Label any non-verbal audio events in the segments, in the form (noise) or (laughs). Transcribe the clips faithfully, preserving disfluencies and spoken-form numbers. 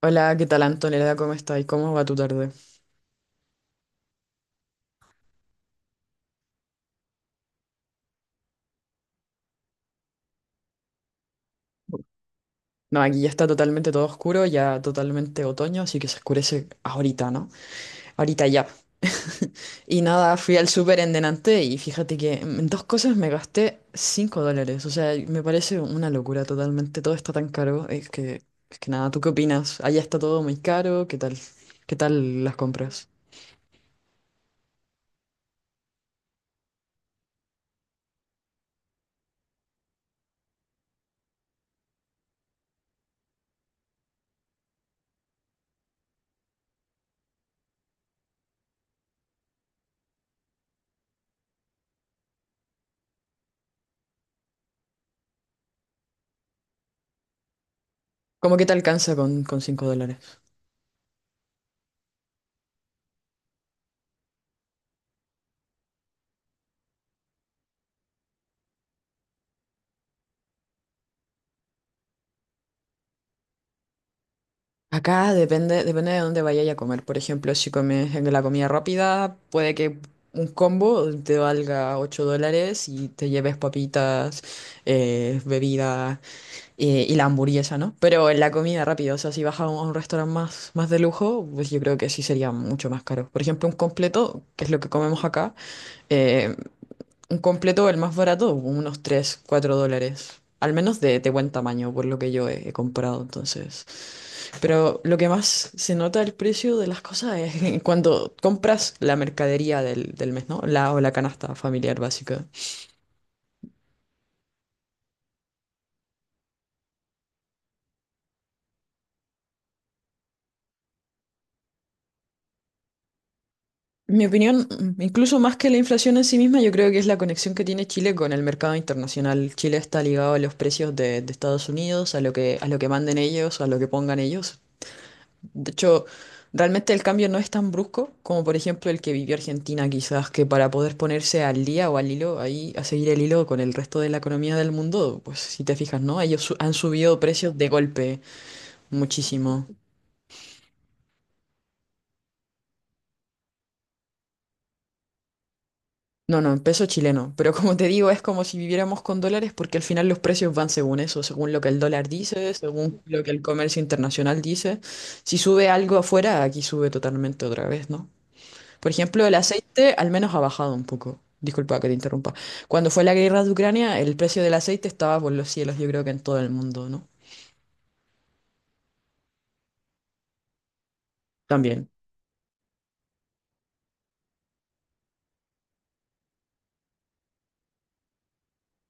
Hola, ¿qué tal, Antonella? ¿Cómo estás? ¿Cómo va tu tarde? No, aquí ya está totalmente todo oscuro, ya totalmente otoño, así que se oscurece ahorita, ¿no? Ahorita ya. (laughs) Y nada, fui al súper en Denante y fíjate que en dos cosas me gasté cinco dólares. O sea, me parece una locura totalmente. Todo está tan caro. Es que, es que nada, ¿tú qué opinas? Allá está todo muy caro. ¿Qué tal? ¿Qué tal las compras? ¿Cómo que te alcanza con, con cinco dólares? Acá depende, depende de dónde vayas a comer. Por ejemplo, si comes en la comida rápida, puede que un combo te valga ocho dólares y te lleves papitas, eh, bebida, eh, y la hamburguesa, ¿no? Pero en la comida rápida, o sea, si vas a un, a un restaurante más, más de lujo, pues yo creo que sí sería mucho más caro. Por ejemplo, un completo, que es lo que comemos acá, eh, un completo, el más barato, unos tres cuatro dólares. Al menos de, de buen tamaño, por lo que yo he he comprado, entonces. Pero lo que más se nota el precio de las cosas es (laughs) cuando compras la mercadería del, del mes, ¿no? La, o la canasta familiar básica. Mi opinión, mm, incluso más que la inflación en sí misma, yo creo que es la conexión que tiene Chile con el mercado internacional. Chile está ligado a los precios de, de Estados Unidos, a lo que, a lo que manden ellos, a lo que pongan ellos. De hecho, realmente el cambio no es tan brusco como por ejemplo el que vivió Argentina, quizás que para poder ponerse al día o al hilo, ahí a seguir el hilo con el resto de la economía del mundo, pues si te fijas, ¿no? Ellos su- han subido precios de golpe muchísimo. No, no, en peso chileno, pero (laughs) como te digo, es como si viviéramos con dólares porque al final los precios van según eso, según lo que el dólar dice, según lo que el comercio internacional dice. Si sube algo afuera, aquí sube totalmente otra vez, ¿no? Por ejemplo, el aceite al menos ha bajado un poco. Disculpa que te interrumpa. Cuando fue la guerra de Ucrania, el precio del aceite estaba por los cielos, yo creo que en todo el mundo, ¿no? También.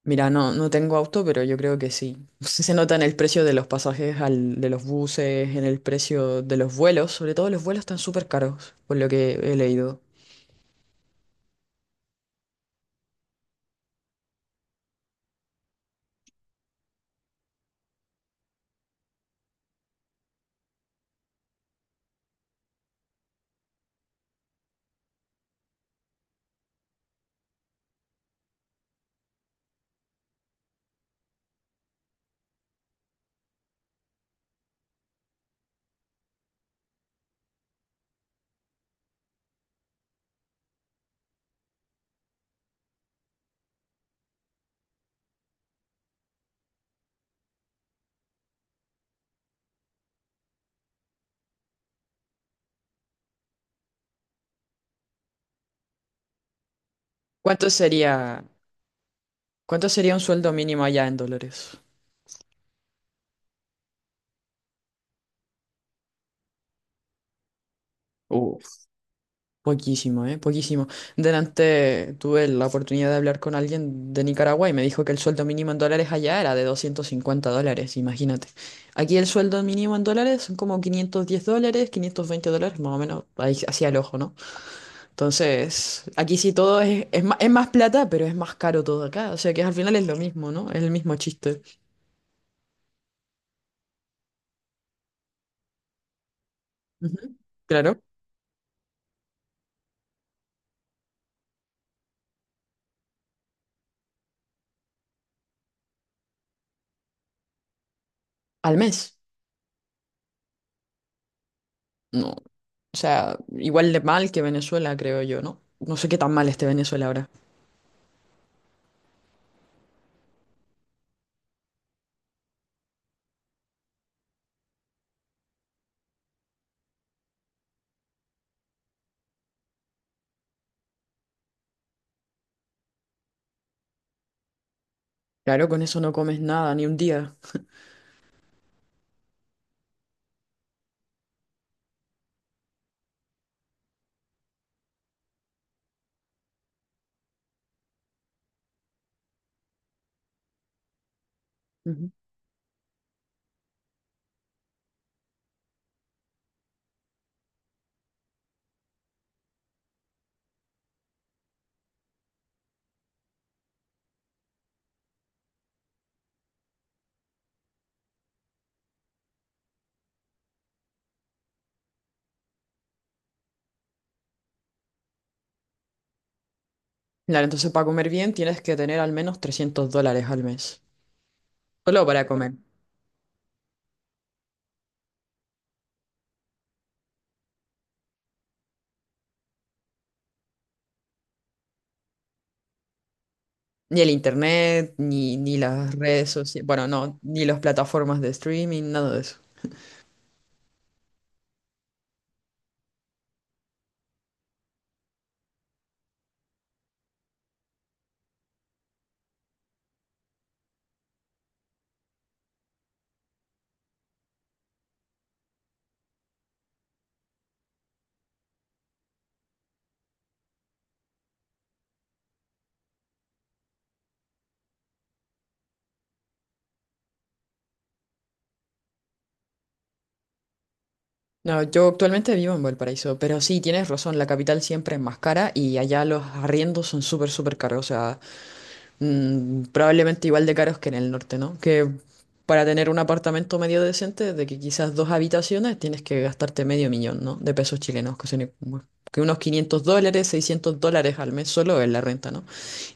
Mira, no, no tengo auto, pero yo creo que sí. (laughs) Se nota en el precio de los pasajes, al, de los buses, en el precio de los vuelos. Sobre todo los vuelos están súper caros, por lo que he leído. ¿Cuánto sería, cuánto sería un sueldo mínimo allá en dólares? Poquísimo, ¿eh? Poquísimo. Delante tuve la oportunidad de hablar con alguien de Nicaragua y me dijo que el sueldo mínimo en dólares allá era de doscientos cincuenta dólares, imagínate. Aquí el sueldo mínimo en dólares son como quinientos diez dólares, quinientos veinte dólares, más o menos, ahí hacia el ojo, ¿no? Entonces, aquí sí todo es, es más, es más plata, pero es más caro todo acá. O sea que al final es lo mismo, ¿no? Es el mismo chiste. Ujú. Claro. Al mes. No. O sea, igual de mal que Venezuela, creo yo, ¿no? No sé qué tan mal esté Venezuela ahora. Claro, con eso no comes nada, ni un día. Ujú. Claro, entonces para comer bien tienes que tener al menos trescientos dólares al mes. Solo para comer. Ni el internet, ni, ni las redes sociales, bueno, no, ni las plataformas de streaming, nada de eso. No, yo actualmente vivo en Valparaíso, pero sí, tienes razón, la capital siempre es más cara y allá los arriendos son súper, súper caros. O sea, Mm, probablemente igual de caros que en el norte, ¿no? Que para tener un apartamento medio decente, de que quizás dos habitaciones, tienes que gastarte medio millón, ¿no? De pesos chilenos, que son como- que unos quinientos dólares, seiscientos dólares al mes solo en la renta, ¿no?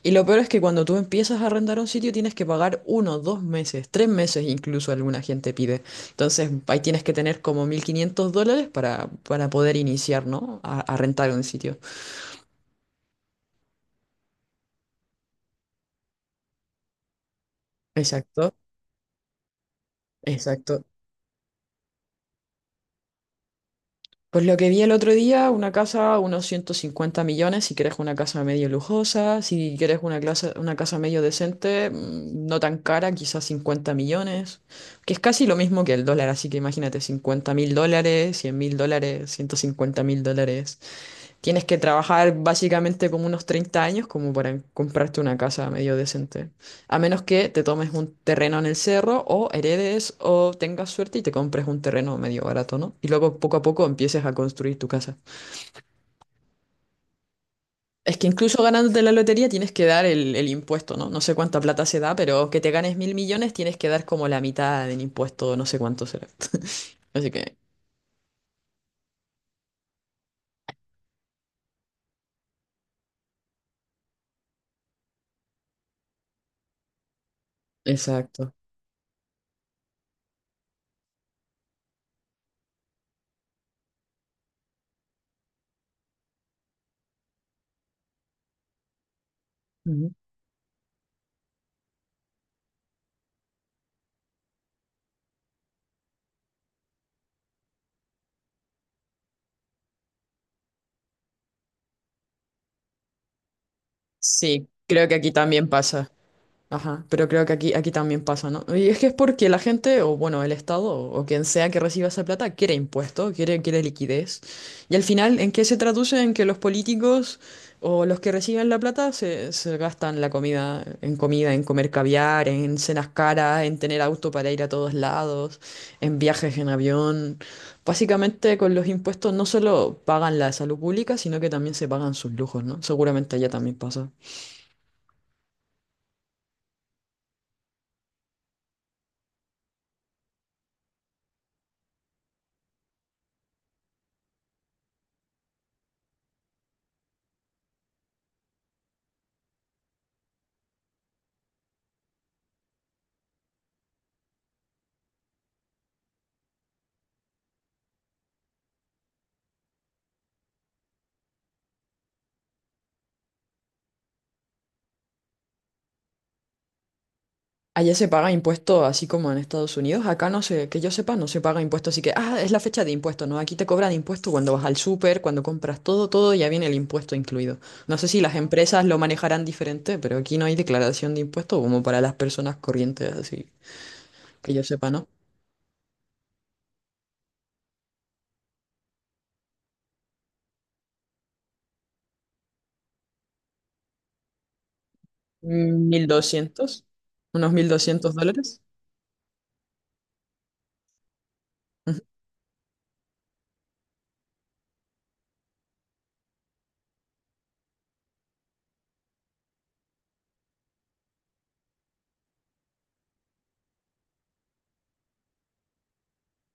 Y lo peor es que cuando tú empiezas a arrendar un sitio tienes que pagar uno, dos meses, tres meses incluso alguna gente pide. Entonces ahí tienes que tener como mil quinientos dólares para, para poder iniciar, ¿no? A, a rentar un sitio. Exacto, exacto. Pues lo que vi el otro día, una casa, unos ciento cincuenta millones, si quieres una casa medio lujosa, si quieres una clase, una casa medio decente, mm, no tan cara, quizás cincuenta millones, que es casi lo mismo que el dólar, así que imagínate cincuenta mil dólares, cien mil dólares, ciento cincuenta mil dólares. Tienes que trabajar básicamente como unos treinta años como para comprarte una casa medio decente. A menos que te tomes un terreno en el cerro o heredes o tengas suerte y te compres un terreno medio barato, ¿no? Y luego poco a poco empieces a construir tu casa. Es que incluso ganándote la lotería tienes que dar el, el impuesto, ¿no? No sé cuánta plata se da, pero que te ganes mil millones tienes que dar como la mitad del impuesto, no sé cuánto será. Así que, exacto. Ujú. Sí, creo que aquí también pasa. Ajá, pero creo que aquí, aquí también pasa, ¿no? Y es que es porque la gente, o bueno, el Estado, o, o quien sea que reciba esa plata, quiere impuesto, quiere, quiere liquidez. Y al final, ¿en qué se traduce? En que los políticos o los que reciben la plata se, se gastan la comida en comida, en comer caviar, en cenas caras, en tener auto para ir a todos lados, en viajes en avión. Básicamente, con los impuestos no solo pagan la salud pública, sino que también se pagan sus lujos, ¿no? Seguramente allá también pasa. Allá se paga impuesto así como en Estados Unidos. Acá no sé, que yo sepa, no se paga impuesto. Así que, ah, es la fecha de impuesto, ¿no? Aquí te cobran impuesto cuando vas al súper, cuando compras todo, todo, ya viene el impuesto incluido. No sé si las Ah, empresas lo manejarán diferente, pero aquí no hay declaración de impuesto como para las personas corrientes, así que yo sepa, ¿no? Mil doscientos, Unos mil doscientos dólares.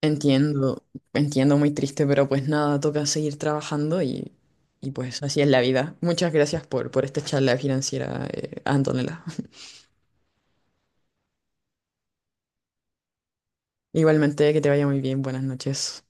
Entiendo, entiendo, muy triste, pero pues nada, toca seguir trabajando y, y pues así es la vida. Muchas gracias por, por esta charla financiera, eh, Antonella. (laughs) Igualmente, que te vaya muy bien, buenas noches.